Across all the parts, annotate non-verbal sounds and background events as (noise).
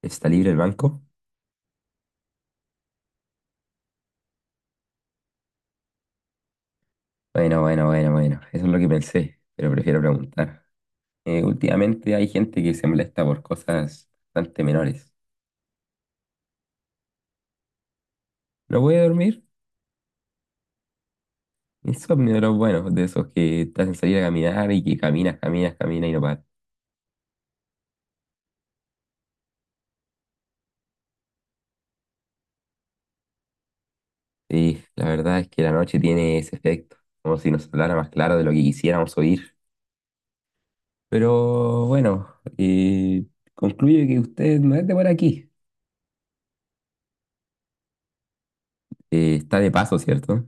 ¿Está libre el banco? Bueno, bueno, bueno, bueno. Eso es lo que pensé, pero prefiero preguntar. Últimamente hay gente que se molesta por cosas bastante menores. ¿No puede dormir? Insomnio de los buenos, de esos que te hacen salir a caminar y que caminas, caminas, caminas y no paras. Sí, la verdad es que la noche tiene ese efecto, como si nos hablara más claro de lo que quisiéramos oír. Pero bueno, eh, concluye que usted no es de por aquí. Está de paso, ¿cierto?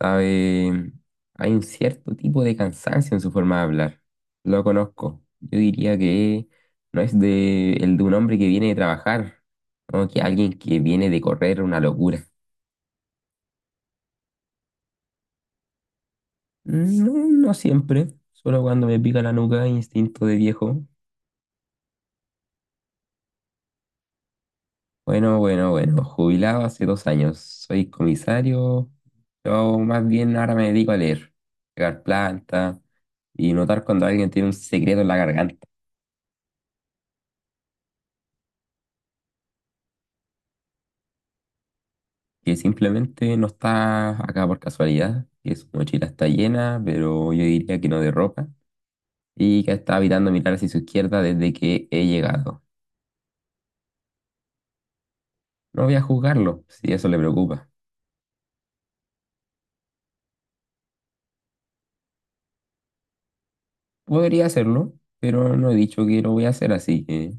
Sabe, hay un cierto tipo de cansancio en su forma de hablar. Lo conozco. Yo diría que no es de, el de un hombre que viene de trabajar, no que alguien que viene de correr una locura. No, no siempre, solo cuando me pica la nuca, instinto de viejo. Bueno, bueno, bueno, jubilado hace 2 años, soy comisario. Yo más bien ahora me dedico a leer, pegar planta y notar cuando alguien tiene un secreto en la garganta. Que simplemente no está acá por casualidad, que su mochila está llena, pero yo diría que no de ropa, y que está evitando mirar hacia su izquierda desde que he llegado. No voy a juzgarlo, si eso le preocupa. Podría hacerlo, pero no he dicho que lo voy a hacer, así que,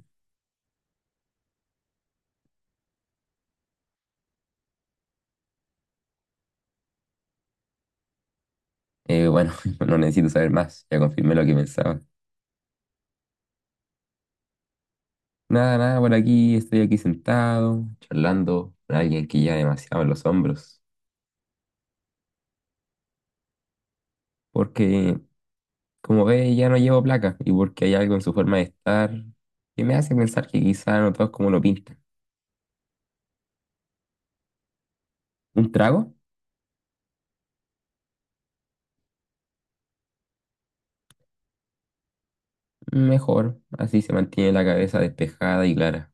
bueno, (laughs) no necesito saber más, ya confirmé lo que pensaba. Nada, nada, por aquí estoy aquí sentado, charlando con alguien que lleva demasiado en los hombros, porque como ve, ya no llevo placa y porque hay algo en su forma de estar que me hace pensar que quizá no todo es como lo pintan. ¿Un trago? Mejor, así se mantiene la cabeza despejada y clara.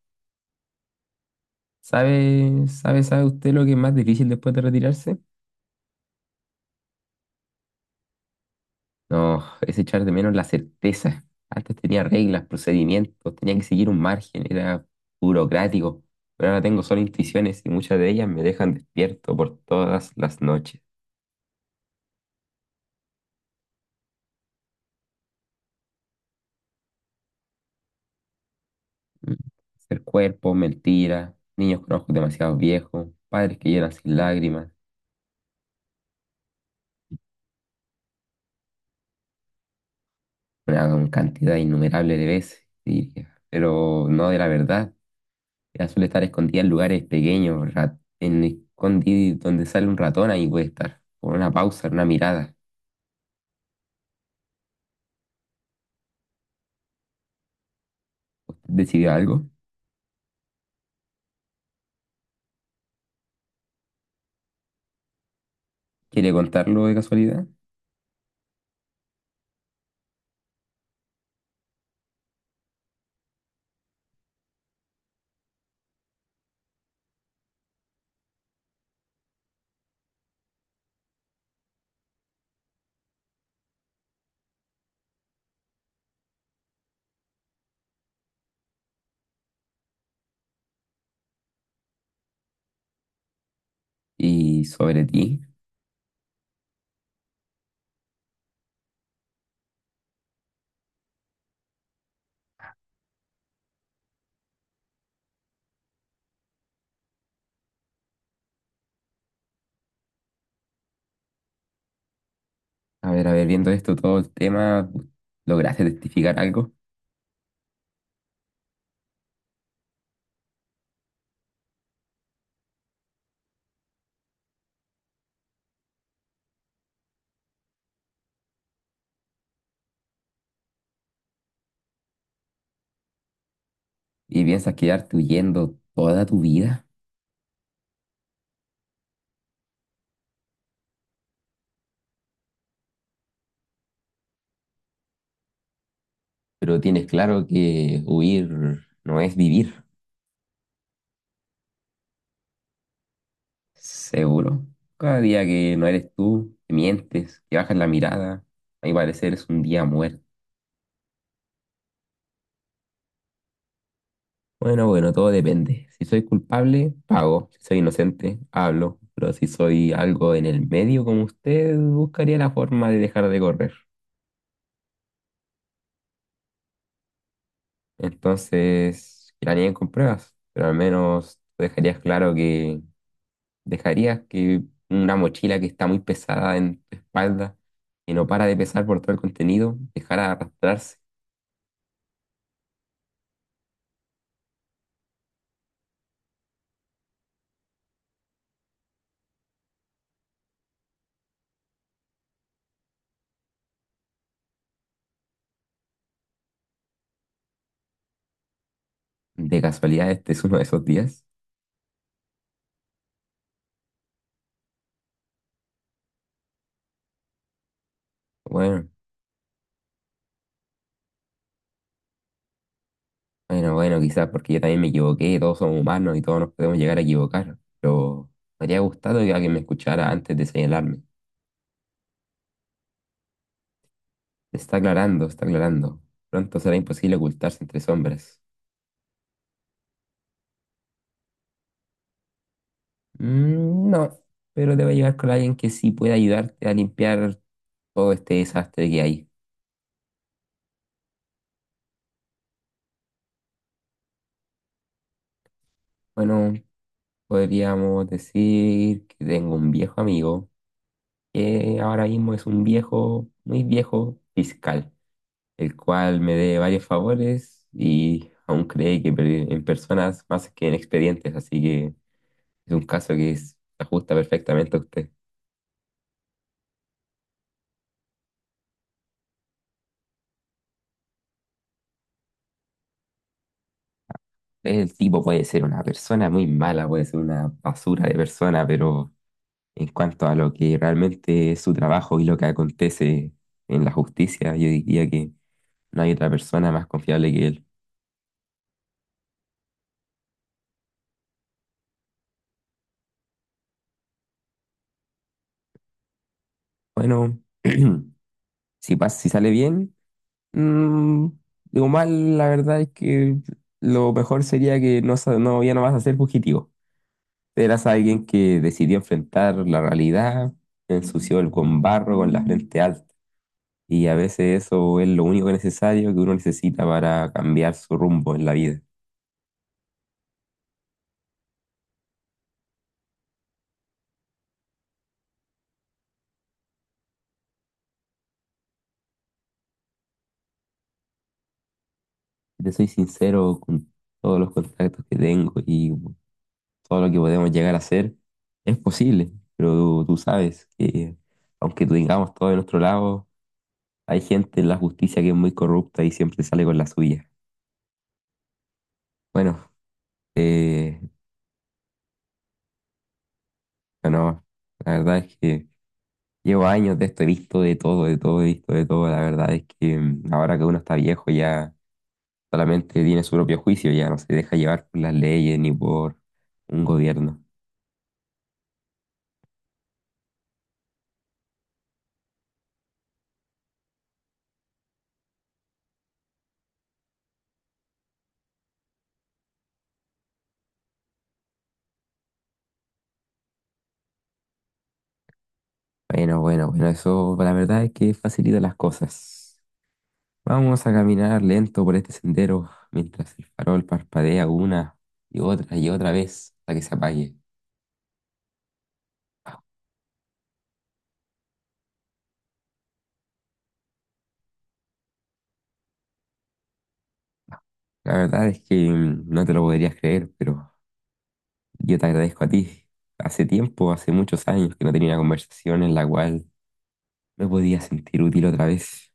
¿Sabe usted lo que es más difícil después de retirarse? No, es echar de menos la certeza. Antes tenía reglas, procedimientos, tenía que seguir un margen, era burocrático. Pero ahora tengo solo intuiciones y muchas de ellas me dejan despierto por todas las noches. Mm. Ser cuerpo, mentira, niños con ojos demasiado viejos, padres que lloran sin lágrimas, una gran cantidad innumerable de veces, diría, pero no de la verdad. Ella suele estar escondida en lugares pequeños, donde sale un ratón, ahí puede estar, con una pausa, una mirada. ¿Usted decidió algo? ¿Quiere contarlo de casualidad? Y sobre ti, a ver, viendo esto, todo el tema, ¿lograste testificar algo? ¿Y piensas quedarte huyendo toda tu vida? Pero tienes claro que huir no es vivir. Seguro. Cada día que no eres tú, que mientes, que bajas la mirada, a mi parecer es un día muerto. Bueno, bueno, todo depende. Si soy culpable, pago. Si soy inocente, hablo. Pero si soy algo en el medio como usted, buscaría la forma de dejar de correr. Entonces, que la nieguen con pruebas, pero al menos dejarías claro que, ¿dejarías que una mochila que está muy pesada en tu espalda y no para de pesar por todo el contenido, dejara de arrastrarse? ¿De casualidad este es uno de esos días? Bueno, bueno, bueno, quizás porque yo también me equivoqué, todos somos humanos y todos nos podemos llegar a equivocar, pero me habría gustado que alguien me escuchara antes de señalarme. Está aclarando, está aclarando. Pronto será imposible ocultarse entre sombras. Mm, no, pero te voy a llevar con alguien que sí pueda ayudarte a limpiar todo este desastre que hay. Bueno, podríamos decir que tengo un viejo amigo, que ahora mismo es un viejo, muy viejo fiscal, el cual me dé varios favores y aún cree que en personas más que en expedientes, así que es un caso se ajusta perfectamente a usted. El tipo puede ser una persona muy mala, puede ser una basura de persona, pero en cuanto a lo que realmente es su trabajo y lo que acontece en la justicia, yo diría que no hay otra persona más confiable que él. Bueno, (clears throat) si sale bien, mm, digo mal, la verdad es que lo mejor sería que no, ya no vas a ser fugitivo. Eras alguien que decidió enfrentar la realidad, ensució el con barro, con la frente alta. Y a veces eso es lo único necesario que uno necesita para cambiar su rumbo en la vida. Te soy sincero, con todos los contactos que tengo y todo lo que podemos llegar a hacer es posible, pero tú sabes que aunque tengamos todo de nuestro lado, hay gente en la justicia que es muy corrupta y siempre sale con la suya. Bueno, eh, bueno, la verdad es que llevo años de esto, he visto de todo, he visto de todo. La verdad es que ahora que uno está viejo ya solamente tiene su propio juicio, ya no se deja llevar por las leyes ni por un gobierno. Bueno, bueno, bueno, eso la verdad es que facilita las cosas. Vamos a caminar lento por este sendero mientras el farol parpadea una y otra vez hasta que se apague. La verdad es que no te lo podrías creer, pero yo te agradezco a ti. Hace tiempo, hace muchos años que no tenía una conversación en la cual me podía sentir útil otra vez.